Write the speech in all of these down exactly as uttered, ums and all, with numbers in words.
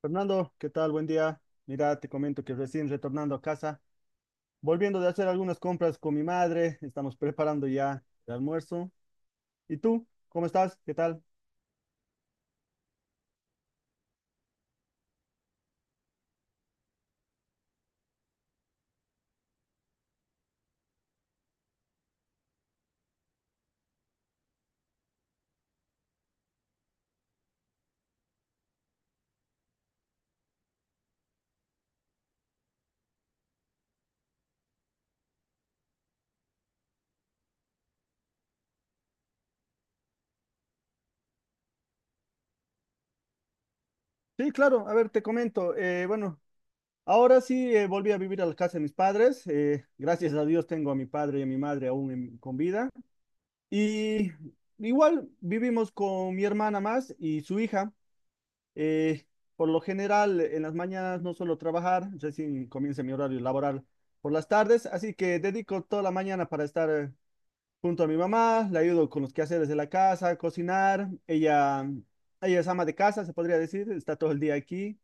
Fernando, ¿qué tal? Buen día. Mira, te comento que recién retornando a casa, volviendo de hacer algunas compras con mi madre, estamos preparando ya el almuerzo. ¿Y tú? ¿Cómo estás? ¿Qué tal? Sí, claro, a ver, te comento. Eh, bueno, ahora sí eh, volví a vivir a la casa de mis padres. Eh, gracias a Dios tengo a mi padre y a mi madre aún en- con vida. Y igual vivimos con mi hermana más y su hija. Eh, por lo general, en las mañanas no suelo trabajar, recién comienza mi horario laboral por las tardes, así que dedico toda la mañana para estar eh, junto a mi mamá, la ayudo con los quehaceres de la casa, cocinar, ella, ella es ama de casa, se podría decir, está todo el día aquí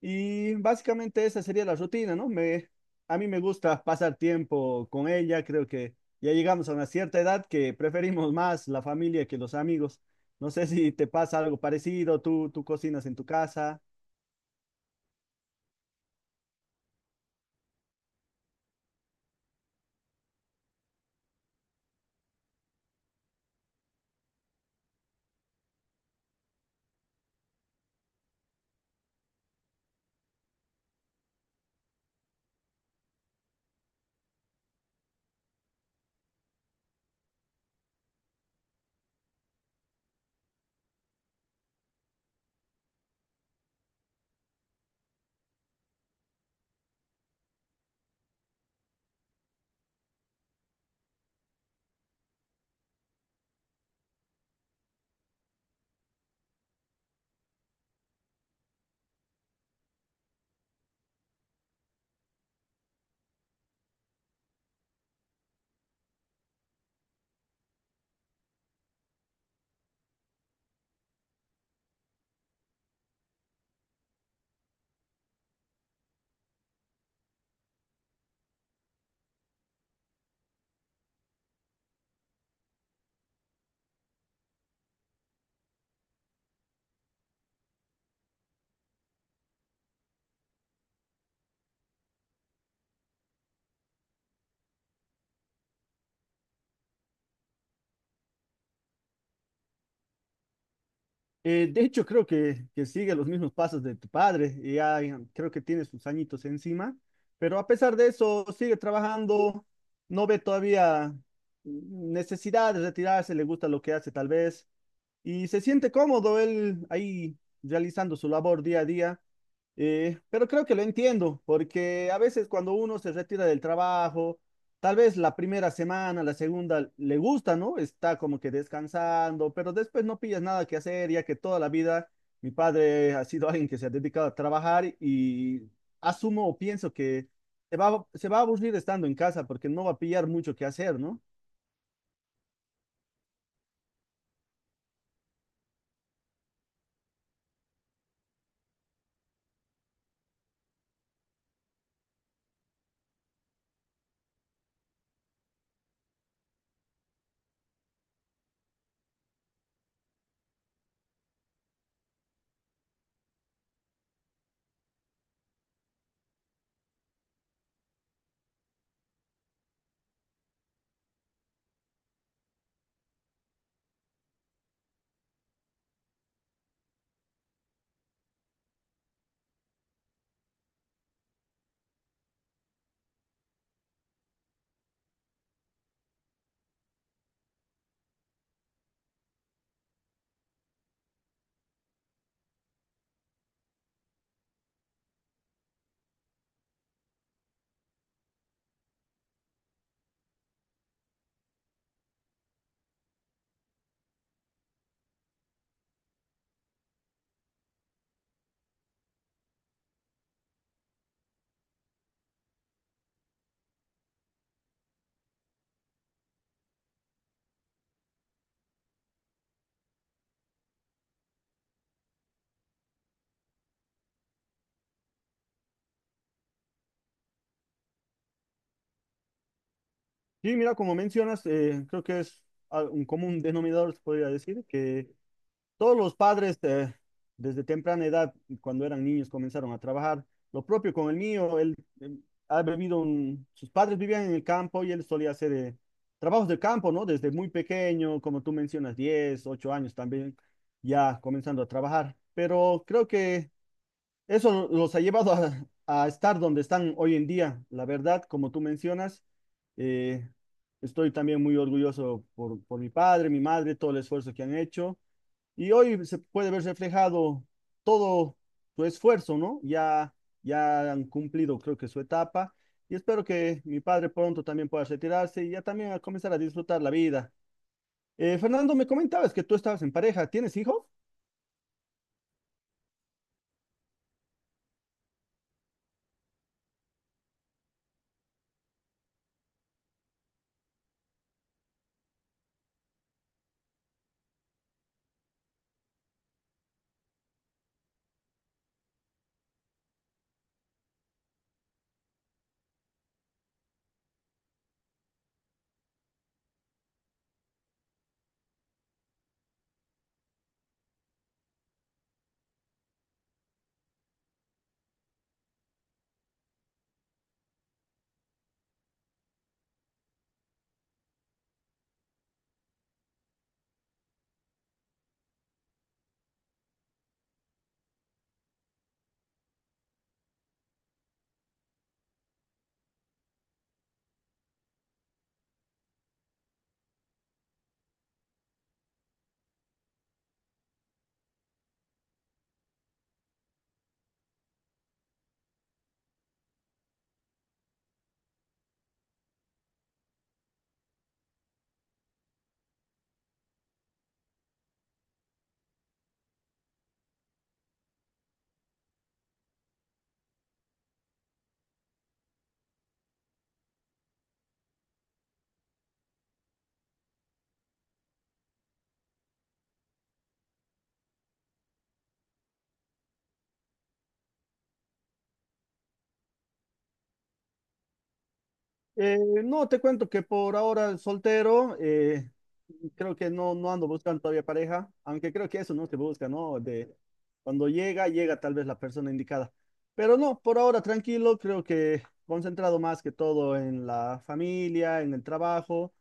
y básicamente esa sería la rutina, ¿no? Me, a mí me gusta pasar tiempo con ella, creo que ya llegamos a una cierta edad que preferimos más la familia que los amigos. No sé si te pasa algo parecido, tú, tú cocinas en tu casa. Eh, de hecho, creo que, que sigue los mismos pasos de tu padre, y ya, ya creo que tiene sus añitos encima, pero a pesar de eso, sigue trabajando, no ve todavía necesidad de retirarse, le gusta lo que hace tal vez, y se siente cómodo él ahí realizando su labor día a día. Eh, pero creo que lo entiendo, porque a veces cuando uno se retira del trabajo, tal vez la primera semana, la segunda, le gusta, ¿no? Está como que descansando, pero después no pillas nada que hacer, ya que toda la vida mi padre ha sido alguien que se ha dedicado a trabajar y asumo o pienso que se va, se va a aburrir estando en casa porque no va a pillar mucho que hacer, ¿no? Sí, mira, como mencionas, eh, creo que es al- un común denominador, se podría decir, que todos los padres eh, desde temprana edad, cuando eran niños, comenzaron a trabajar. Lo propio con el mío, él eh, ha vivido, un- sus padres vivían en el campo y él solía hacer eh, trabajos de campo, ¿no? Desde muy pequeño, como tú mencionas, diez, ocho años también, ya comenzando a trabajar. Pero creo que… Eso no, los ha llevado a, a estar donde están hoy en día. La verdad, como tú mencionas, eh, estoy también muy orgulloso por, por mi padre, mi madre, todo el esfuerzo que han hecho. Y hoy se puede ver reflejado todo su esfuerzo, ¿no? Ya, ya han cumplido, creo que su etapa. Y espero que mi padre pronto también pueda retirarse y ya también a comenzar a disfrutar la vida. Eh, Fernando, me comentabas que tú estabas en pareja. ¿Tienes hijos? Eh, no, te cuento que por ahora soltero, eh, creo que no, no ando buscando todavía pareja, aunque creo que eso no se busca, ¿no? De cuando llega, llega tal vez la persona indicada. Pero no, por ahora tranquilo, creo que concentrado más que todo en la familia, en el trabajo.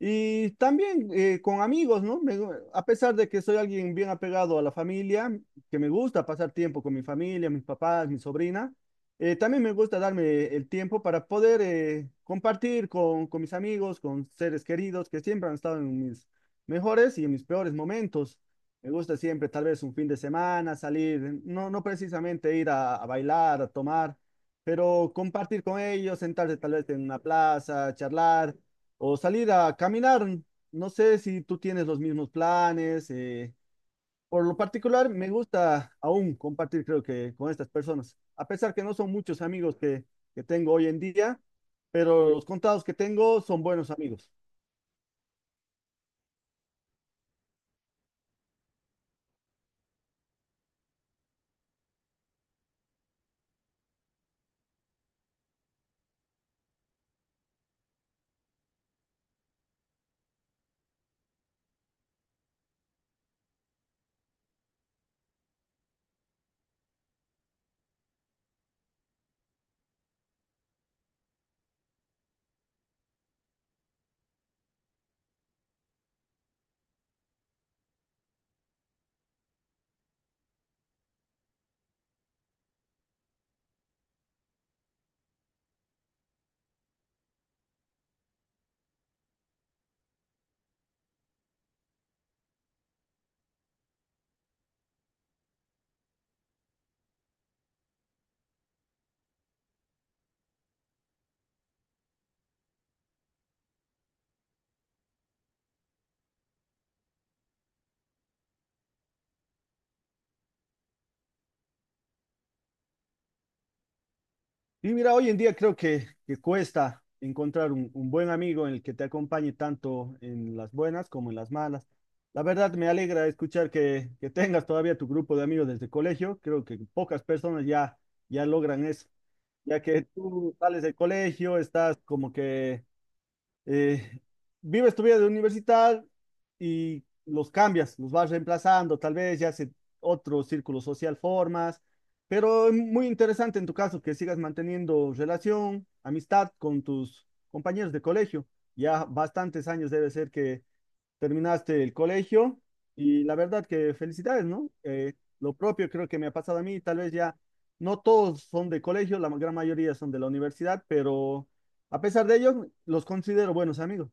Y también eh, con amigos, ¿no? Me gu- a pesar de que soy alguien bien apegado a la familia, que me gusta pasar tiempo con mi familia, mis papás, mi sobrina, eh, también me gusta darme el tiempo para poder eh, compartir con, con mis amigos, con seres queridos que siempre han estado en mis mejores y en mis peores momentos. Me gusta siempre, tal vez un fin de semana, salir, no, no precisamente ir a, a bailar, a tomar, pero compartir con ellos, sentarse tal vez en una plaza, charlar o salir a caminar. No sé si tú tienes los mismos planes. eh, Por lo particular, me gusta aún compartir, creo que, con estas personas. A pesar que no son muchos amigos que, que tengo hoy en día, pero los contados que tengo son buenos amigos. Y mira, hoy en día creo que, que cuesta encontrar un, un buen amigo en el que te acompañe tanto en las buenas como en las malas. La verdad, me alegra escuchar que, que tengas todavía tu grupo de amigos desde el colegio. Creo que pocas personas ya, ya logran eso. Ya que tú sales del colegio, estás como que eh, vives tu vida de universidad y los cambias, los vas reemplazando, tal vez ya se otro círculo social formas, pero es muy interesante en tu caso que sigas manteniendo relación, amistad con tus compañeros de colegio. Ya bastantes años debe ser que terminaste el colegio y la verdad que felicidades, ¿no? Eh, lo propio creo que me ha pasado a mí, tal vez ya no todos son de colegio, la gran mayoría son de la universidad, pero a pesar de ello, los considero buenos amigos.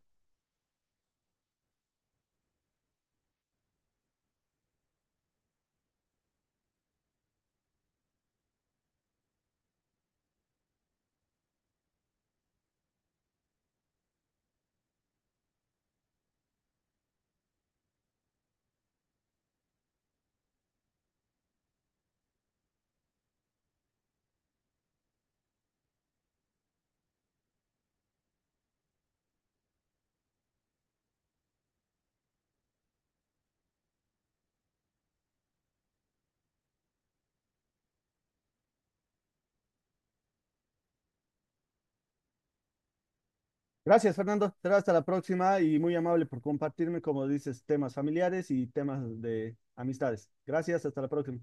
Gracias, Fernando. Será hasta la próxima y muy amable por compartirme, como dices, temas familiares y temas de amistades. Gracias, hasta la próxima.